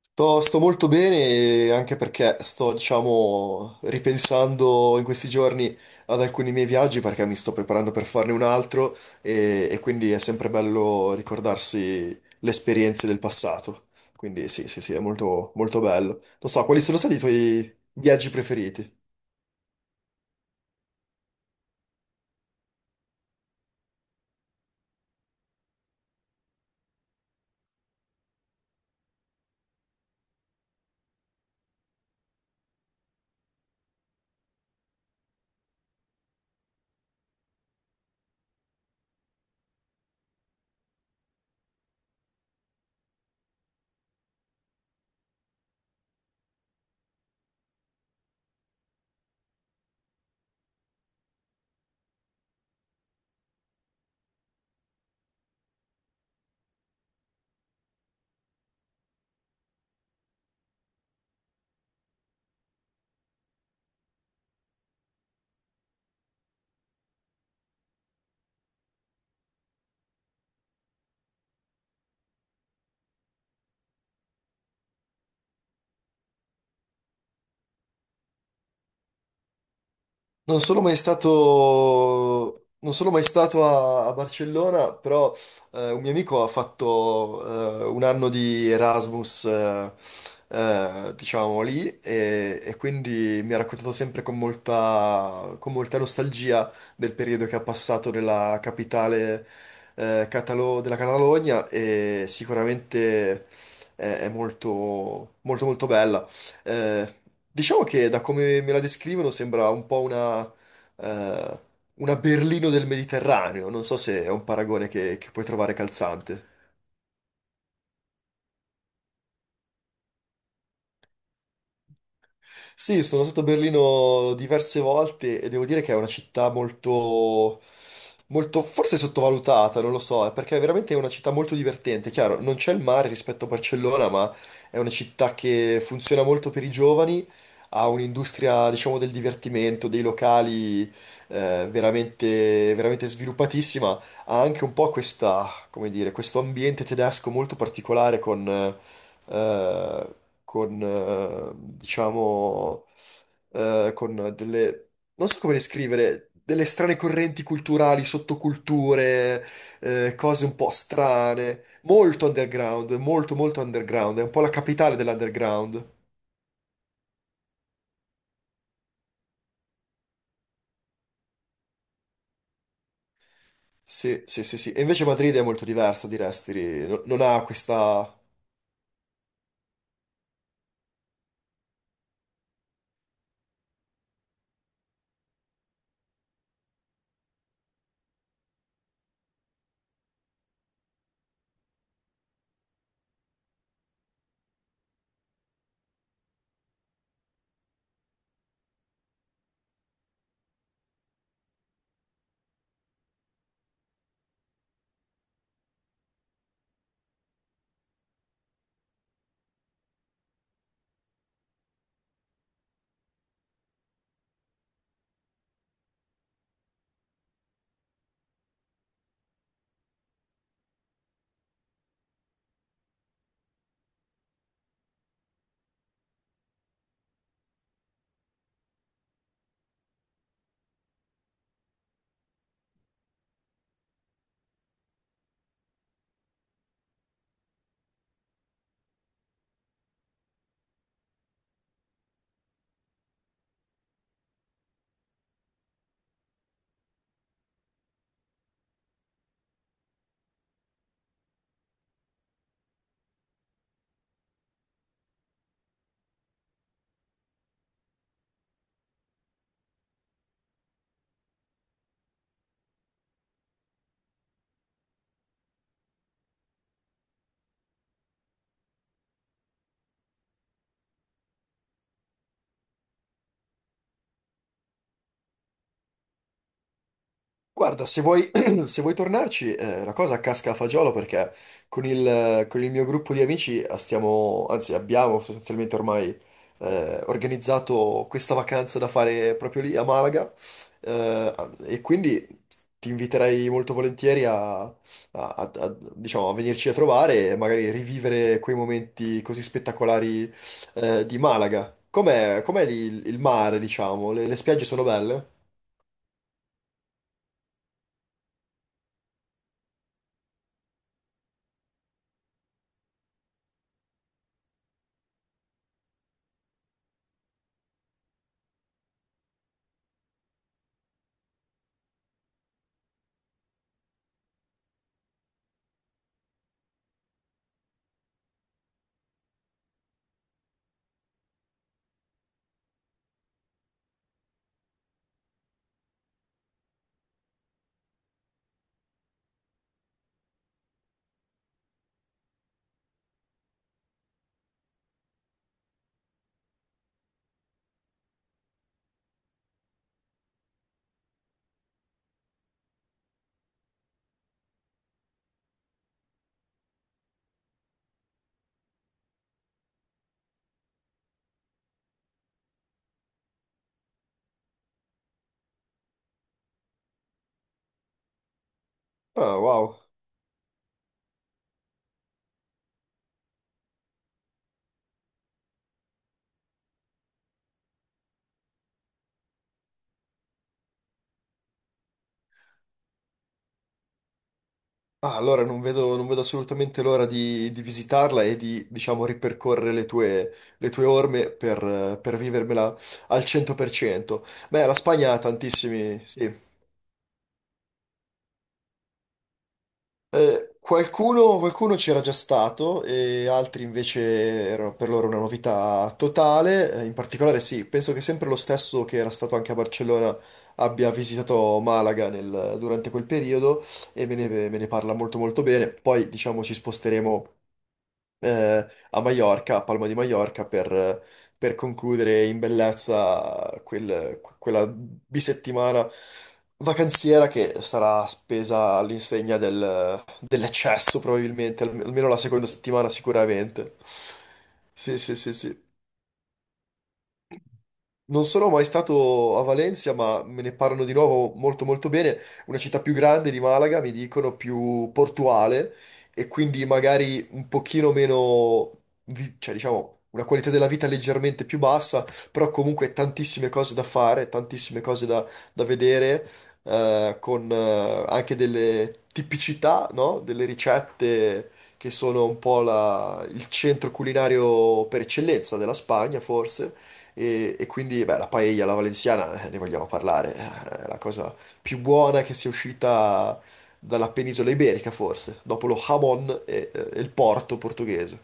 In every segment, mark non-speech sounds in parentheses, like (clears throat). Sto molto bene anche perché sto, diciamo, ripensando in questi giorni ad alcuni miei viaggi perché mi sto preparando per farne un altro e quindi è sempre bello ricordarsi le esperienze del passato. Quindi sì, sì, sì, è molto, molto bello. Non so, quali sono stati i tuoi viaggi preferiti? Non sono mai stato, non sono mai stato a, a Barcellona, però un mio amico ha fatto un anno di Erasmus, diciamo lì, e quindi mi ha raccontato sempre con molta nostalgia del periodo che ha passato nella capitale della Catalogna e sicuramente è molto, molto, molto bella. Eh, diciamo che da come me la descrivono sembra un po' eh, una Berlino del Mediterraneo, non so se è un paragone che puoi trovare calzante. Sì, sono stato a Berlino diverse volte e devo dire che è una città molto, molto forse sottovalutata, non lo so, perché è veramente una città molto divertente. Chiaro, non c'è il mare rispetto a Barcellona, ma è una città che funziona molto per i giovani, ha un'industria, diciamo, del divertimento, dei locali, veramente, veramente sviluppatissima ha anche un po' questa, come dire, questo ambiente tedesco molto particolare con, diciamo, con delle, non so come descrivere, delle strane correnti culturali, sottoculture, cose un po' strane, molto underground, molto underground, è un po' la capitale dell'underground. Sì, sì, sì, sì. E invece Madrid è molto diversa di Restri, no- non ha questa. Guarda, se vuoi, (clears throat) se vuoi tornarci, la cosa casca a fagiolo perché con il mio gruppo di amici stiamo, anzi abbiamo sostanzialmente ormai organizzato questa vacanza da fare proprio lì a Malaga eh, e quindi ti inviterei molto volentieri a, diciamo, a venirci a trovare e magari rivivere quei momenti così spettacolari di Malaga. Com'è, com'è lì il mare, diciamo? Le spiagge sono belle? Ah, wow. Ah, allora non vedo, non vedo assolutamente l'ora di visitarla e di, diciamo, ripercorrere le tue orme per vivermela al 100%. Beh, la Spagna ha tantissimi, sì. Qualcuno c'era già stato e altri invece erano per loro una novità totale. In particolare, sì, penso che sempre lo stesso che era stato anche a Barcellona abbia visitato Malaga durante quel periodo e me ne parla molto molto bene. Poi, diciamo, ci sposteremo a Maiorca, a Palma di Maiorca, per concludere in bellezza quella bisettimana vacanziera che sarà spesa all'insegna dell'eccesso, probabilmente, almeno la seconda settimana sicuramente. Sì, sì, sì, sì. Non sono mai stato a Valencia, ma me ne parlano di nuovo molto molto bene. Una città più grande di Malaga, mi dicono più portuale e quindi magari un pochino meno, cioè diciamo, una qualità della vita leggermente più bassa, però comunque tantissime cose da fare, tantissime cose da, da vedere, con anche delle tipicità, no? Delle ricette che sono un po' il centro culinario per eccellenza della Spagna, forse. E quindi, beh, la paella, la valenziana, ne vogliamo parlare, è la cosa più buona che sia uscita dalla penisola iberica, forse, dopo lo jamon e il porto portoghese.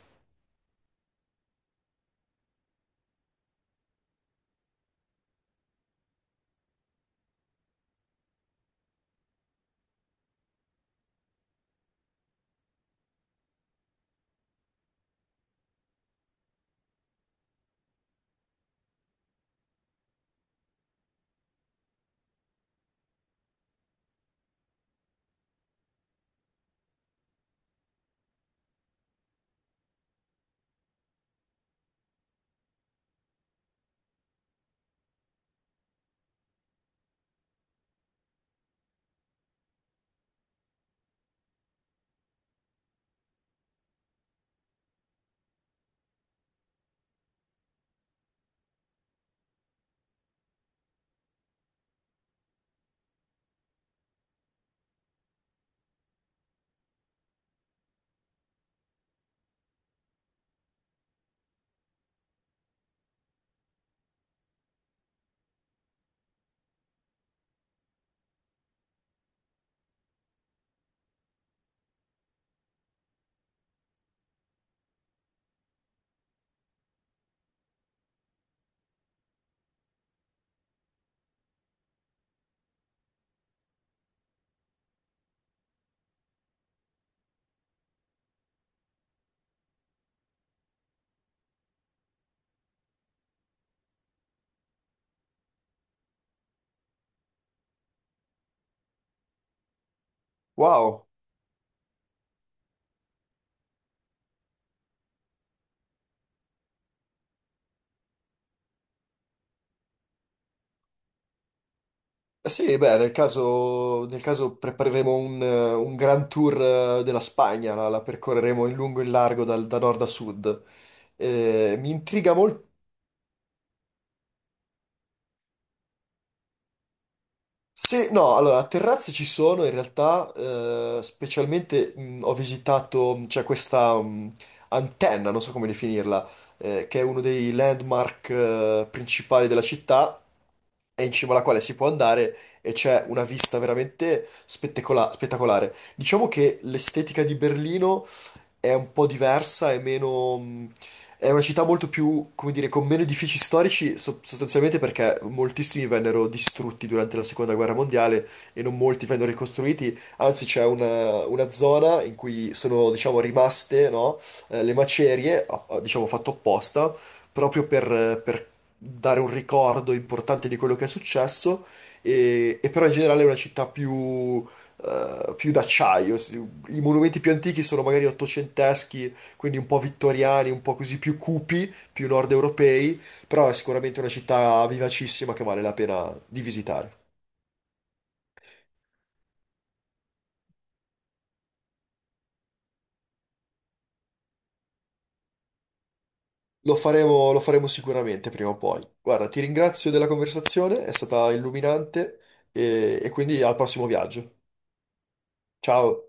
Wow. Eh sì, beh, nel caso prepareremo un gran tour della Spagna, la, la percorreremo in lungo e in largo da nord a sud. Mi intriga molto. Se, no, allora, terrazze ci sono in realtà, specialmente ho visitato, c'è questa antenna, non so come definirla, che è uno dei landmark principali della città, e in cima alla quale si può andare e c'è una vista veramente spettacolare. Diciamo che l'estetica di Berlino è un po' diversa, è meno... è una città molto più, come dire, con meno edifici storici, sostanzialmente perché moltissimi vennero distrutti durante la seconda guerra mondiale e non molti vennero ricostruiti, anzi c'è una zona in cui sono, diciamo, rimaste, no, le macerie, diciamo fatto apposta, proprio per dare un ricordo importante di quello che è successo, e però in generale è una città più, più d'acciaio. I monumenti più antichi sono magari ottocenteschi, quindi un po' vittoriani, un po' così più cupi, più nord europei, però è sicuramente una città vivacissima che vale la pena di visitare. Lo faremo sicuramente prima o poi. Guarda, ti ringrazio della conversazione, è stata illuminante e quindi al prossimo viaggio. Ciao!